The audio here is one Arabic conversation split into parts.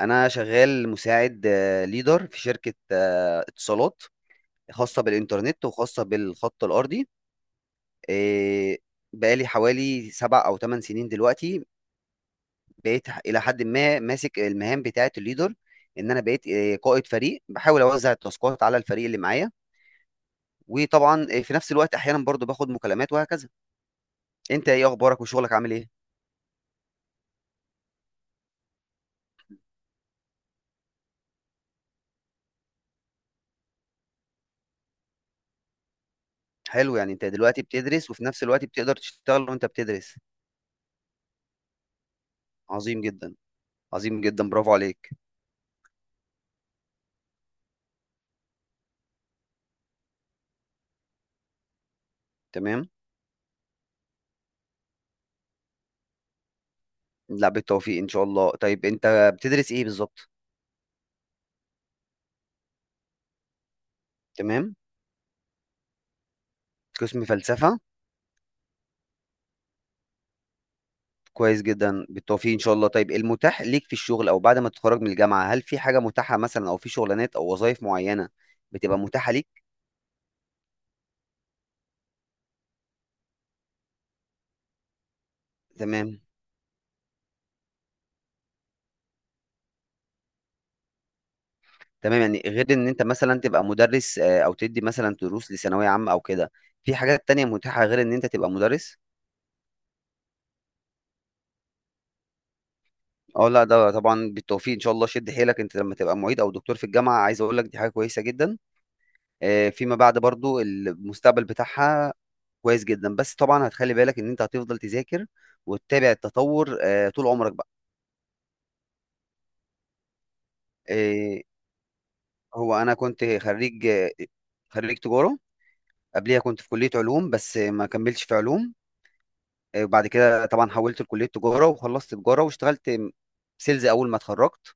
انا شغال مساعد ليدر في شركه اتصالات خاصه بالانترنت وخاصه بالخط الارضي. آه، بقالي حوالي 7 او 8 سنين دلوقتي، بقيت الى حد ما ماسك المهام بتاعه الليدر، ان انا بقيت قائد فريق، بحاول اوزع التاسكات على الفريق اللي معايا. وطبعا في نفس الوقت احيانا برضو باخد مكالمات وهكذا. انت ايه اخبارك وشغلك عامل ايه؟ حلو، يعني انت دلوقتي بتدرس وفي نفس الوقت بتقدر تشتغل وانت بتدرس. عظيم جدا، عظيم جدا، برافو عليك. تمام. لا، بالتوفيق ان شاء الله. طيب انت بتدرس ايه بالظبط؟ تمام. قسم فلسفة؟ كويس جدا، بالتوفيق ان شاء الله. طيب المتاح ليك في الشغل او بعد ما تتخرج من الجامعة، هل في حاجة متاحة مثلا او في شغلانات او وظائف معينة بتبقى متاحة ليك؟ تمام. تمام، يعني غير ان انت مثلا تبقى مدرس او تدي مثلا دروس لثانوية عامة او كده. في حاجات تانية متاحة غير ان انت تبقى مدرس؟ اه، لا ده طبعا بالتوفيق ان شاء الله، شد حيلك. انت لما تبقى معيد او دكتور في الجامعه عايز اقول لك دي حاجه كويسه جدا. فيما بعد برضو المستقبل بتاعها كويس جدا. بس طبعا هتخلي بالك ان انت هتفضل تذاكر وتتابع التطور طول عمرك بقى. آه، هو انا كنت خريج تجاره. قبليها كنت في كليه علوم بس ما كملتش في علوم. وبعد كده طبعا حولت لكليه تجاره وخلصت تجاره واشتغلت سيلز اول ما اتخرجت.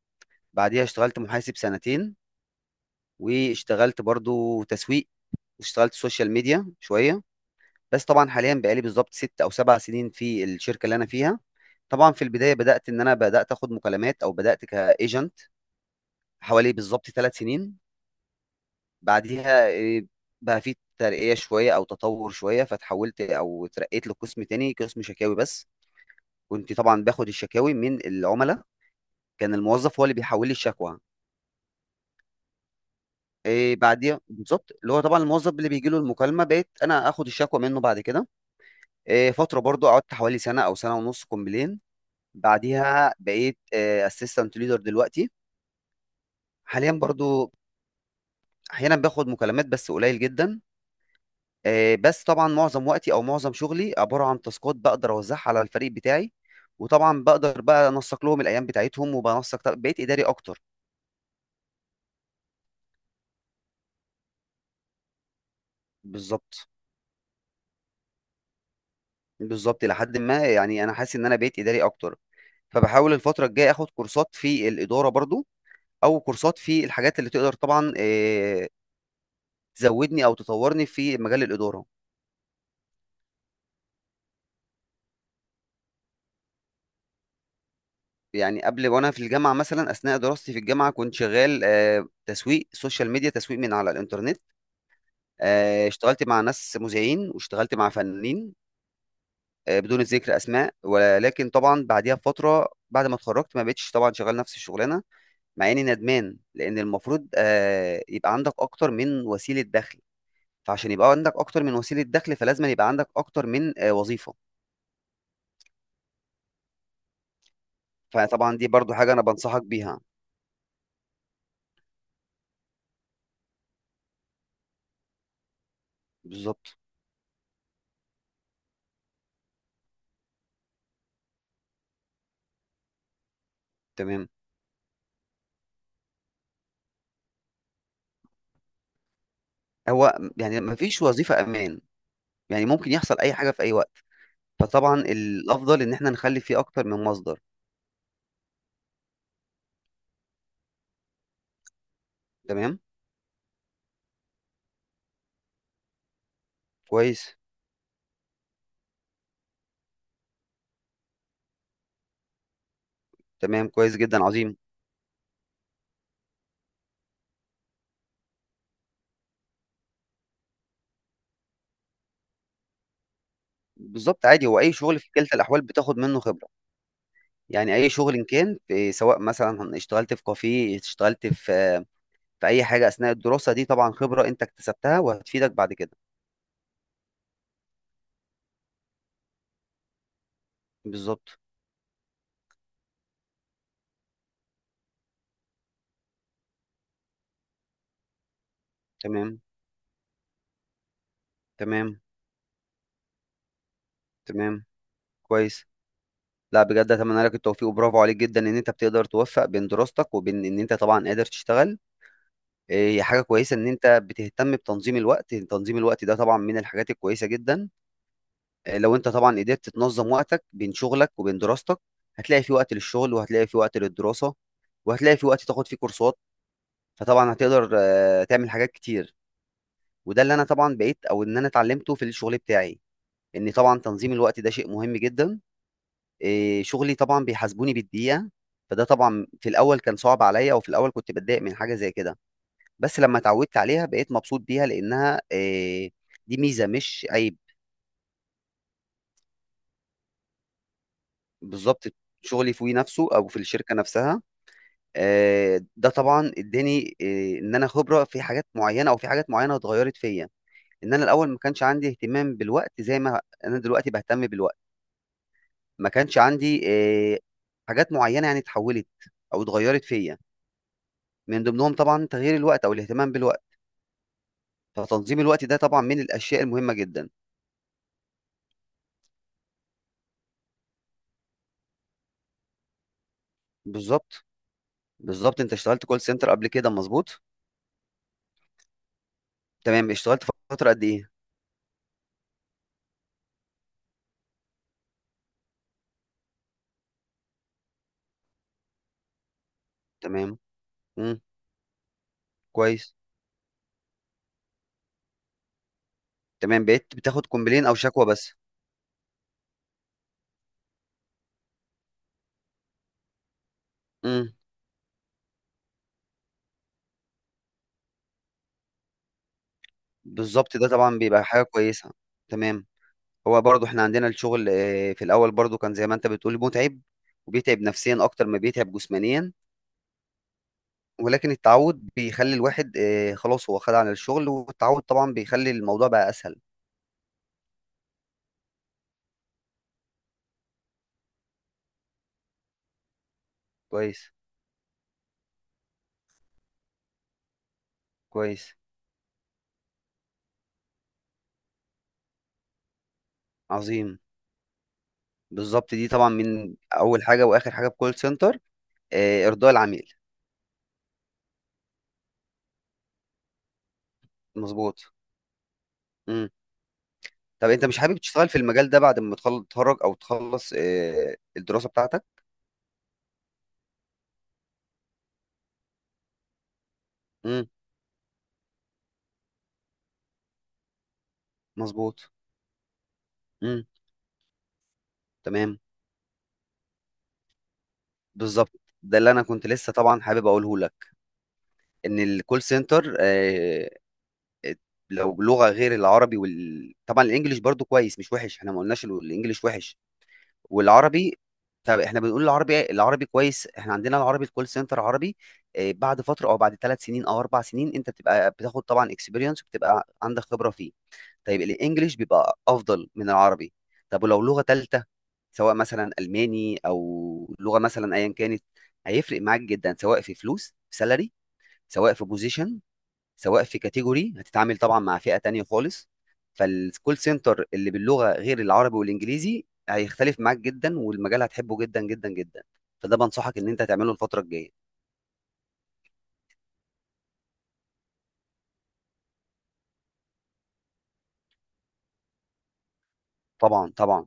بعديها اشتغلت محاسب سنتين، واشتغلت برضو تسويق، واشتغلت سوشيال ميديا شويه. بس طبعا حاليا بقالي بالظبط 6 او 7 سنين في الشركه اللي انا فيها. طبعا في البدايه بدات ان انا بدات اخد مكالمات او بدات كايجنت حوالي بالظبط 3 سنين. بعديها بقى في ترقيه شويه او تطور شويه، فتحولت او اترقيت لقسم تاني، قسم شكاوي بس. كنت طبعا باخد الشكاوي من العملاء، كان الموظف هو اللي بيحول لي الشكوى. بعديها بالظبط اللي هو طبعا الموظف اللي بيجي له المكالمه بقيت انا اخد الشكوى منه بعد كده. فتره برضو قعدت حوالي سنه او سنه ونص كومبلين. بعديها بقيت اسيستنت ليدر. دلوقتي حاليا برضو احيانا باخد مكالمات بس قليل جدا. بس طبعا معظم وقتي او معظم شغلي عباره عن تاسكات بقدر اوزعها على الفريق بتاعي. وطبعا بقدر بقى انسق لهم الايام بتاعتهم وبنسق، بقيت اداري اكتر. بالظبط. بالظبط، لحد ما يعني انا حاسس ان انا بقيت اداري اكتر. فبحاول الفتره الجايه اخد كورسات في الاداره برضو، او كورسات في الحاجات اللي تقدر طبعا تزودني او تطورني في مجال الاداره. يعني قبل وانا في الجامعه مثلا، اثناء دراستي في الجامعه، كنت شغال تسويق سوشيال ميديا، تسويق من على الانترنت. اشتغلت مع ناس مذيعين، واشتغلت مع فنانين بدون ذكر اسماء. ولكن طبعا بعديها بفتره، بعد ما اتخرجت، ما بقتش طبعا شغال نفس الشغلانه، مع اني ندمان، لان المفروض يبقى عندك اكتر من وسيله دخل. فعشان يبقى عندك اكتر من وسيله دخل فلازم يبقى عندك اكتر من وظيفه. فطبعا دي برضو حاجه انا بنصحك بيها. بالظبط. تمام. هو يعني ما فيش وظيفه امان، يعني ممكن يحصل اي حاجه في اي وقت. فطبعا الافضل ان احنا نخلي فيه اكتر من مصدر. تمام. كويس. تمام، كويس جدا، عظيم. بالظبط، عادي. هو اي شغل في كلتا الاحوال بتاخد منه خبره. يعني اي شغل إن كان، في، سواء مثلا اشتغلت في كافيه، اشتغلت في اي حاجه اثناء الدراسه دي، طبعا خبره انت اكتسبتها وهتفيدك بعد كده. بالظبط. تمام. تمام. تمام. كويس. لا بجد، اتمنى لك التوفيق وبرافو عليك جدا ان انت بتقدر توفق بين دراستك وبين ان انت طبعا قادر تشتغل. هي حاجة كويسة إن أنت بتهتم بتنظيم الوقت، تنظيم الوقت ده طبعًا من الحاجات الكويسة جدًا. لو أنت طبعًا قدرت تنظم وقتك بين شغلك وبين دراستك، هتلاقي في وقت للشغل، وهتلاقي في وقت للدراسة، وهتلاقي في وقت تاخد فيه كورسات، فطبعًا هتقدر تعمل حاجات كتير. وده اللي أنا طبعًا بقيت، أو إن أنا اتعلمته في الشغل بتاعي، إن طبعًا تنظيم الوقت ده شيء مهم جدًا. شغلي طبعًا بيحاسبوني بالدقيقة، فده طبعًا في الأول كان صعب عليَّ، وفي الأول كنت باتضايق من حاجة زي كده. بس لما اتعودت عليها بقيت مبسوط بيها، لأنها دي ميزة مش عيب. بالضبط. شغلي فيه نفسه أو في الشركة نفسها. ده طبعًا ادّاني إن أنا خبرة في حاجات معيّنة، أو في حاجات معيّنة اتغيّرت فيّا. إن أنا الأول ما كانش عندي اهتمام بالوقت زي ما أنا دلوقتي باهتم بالوقت، ما كانش عندي حاجات معيّنة، يعني اتحوّلت أو اتغيّرت فيّا. من ضمنهم طبعًا تغيير الوقت أو الاهتمام بالوقت، فتنظيم الوقت ده طبعًا من الأشياء المهمة جدًا. بالضبط. بالضبط، أنت اشتغلت call center قبل كده، مضبوط؟ تمام، اشتغلت فترة قد ايه؟ تمام. امم. كويس. تمام، بقيت بتاخد كومبلين او شكوى بس. امم. بالظبط، ده طبعا بيبقى حاجة كويسة. تمام. هو برضو احنا عندنا الشغل في الاول برضو كان زي ما انت بتقول متعب، وبيتعب نفسيا اكتر ما بيتعب جسمانيا. ولكن التعود بيخلي الواحد خلاص هو خد على الشغل، والتعود طبعا بيخلي الموضوع بقى اسهل. كويس. كويس. عظيم. بالظبط، دي طبعا من اول حاجة واخر حاجة في كول سنتر، ارضاء العميل. مظبوط. مم. طب انت مش حابب تشتغل في المجال ده بعد ما تتخرج او تخلص الدراسة بتاعتك؟ امم. مظبوط. امم. تمام. بالظبط. ده اللي انا كنت لسه طبعا حابب اقوله لك، ان الكول سنتر لو لغة غير العربي طبعا الانجليش برضو كويس، مش وحش، احنا ما قلناش الانجليش وحش. والعربي، طب احنا بنقول العربي، العربي كويس. احنا عندنا العربي، الكول سنتر عربي. بعد فتره او بعد 3 سنين او 4 سنين انت بتبقى بتاخد طبعا اكسبيرينس وبتبقى عندك خبره فيه. طيب الانجليش بيبقى افضل من العربي. طب ولو لغه ثالثه، سواء مثلا الماني او لغه مثلا ايا كانت، هيفرق معاك جدا، سواء في فلوس، في سالري، سواء في بوزيشن، سواء في كاتيجوري، هتتعامل طبعا مع فئة تانية خالص. فالكول سنتر اللي باللغة غير العربي والانجليزي هيختلف معاك جدا، والمجال هتحبه جدا جدا جدا. فده بنصحك ان انت تعمله الفترة الجاية. طبعا. طبعا.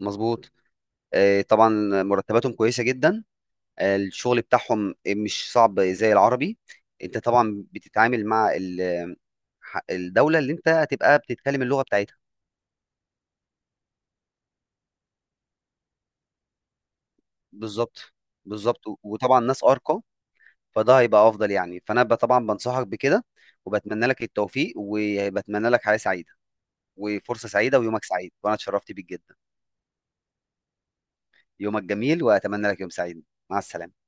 مظبوط. طبعا مرتباتهم كويسة جدا. الشغل بتاعهم مش صعب زي العربي. انت طبعا بتتعامل مع الدولة اللي انت هتبقى بتتكلم اللغة بتاعتها. بالظبط. بالظبط، وطبعا ناس ارقى. فده هيبقى افضل يعني. فانا طبعا بنصحك بكده. وبتمنى لك التوفيق، وبتمنى لك حياة سعيدة وفرصة سعيدة، ويومك سعيد، وانا اتشرفت بيك جدا. يومك جميل، واتمنى لك يوم سعيد. مع السلامة.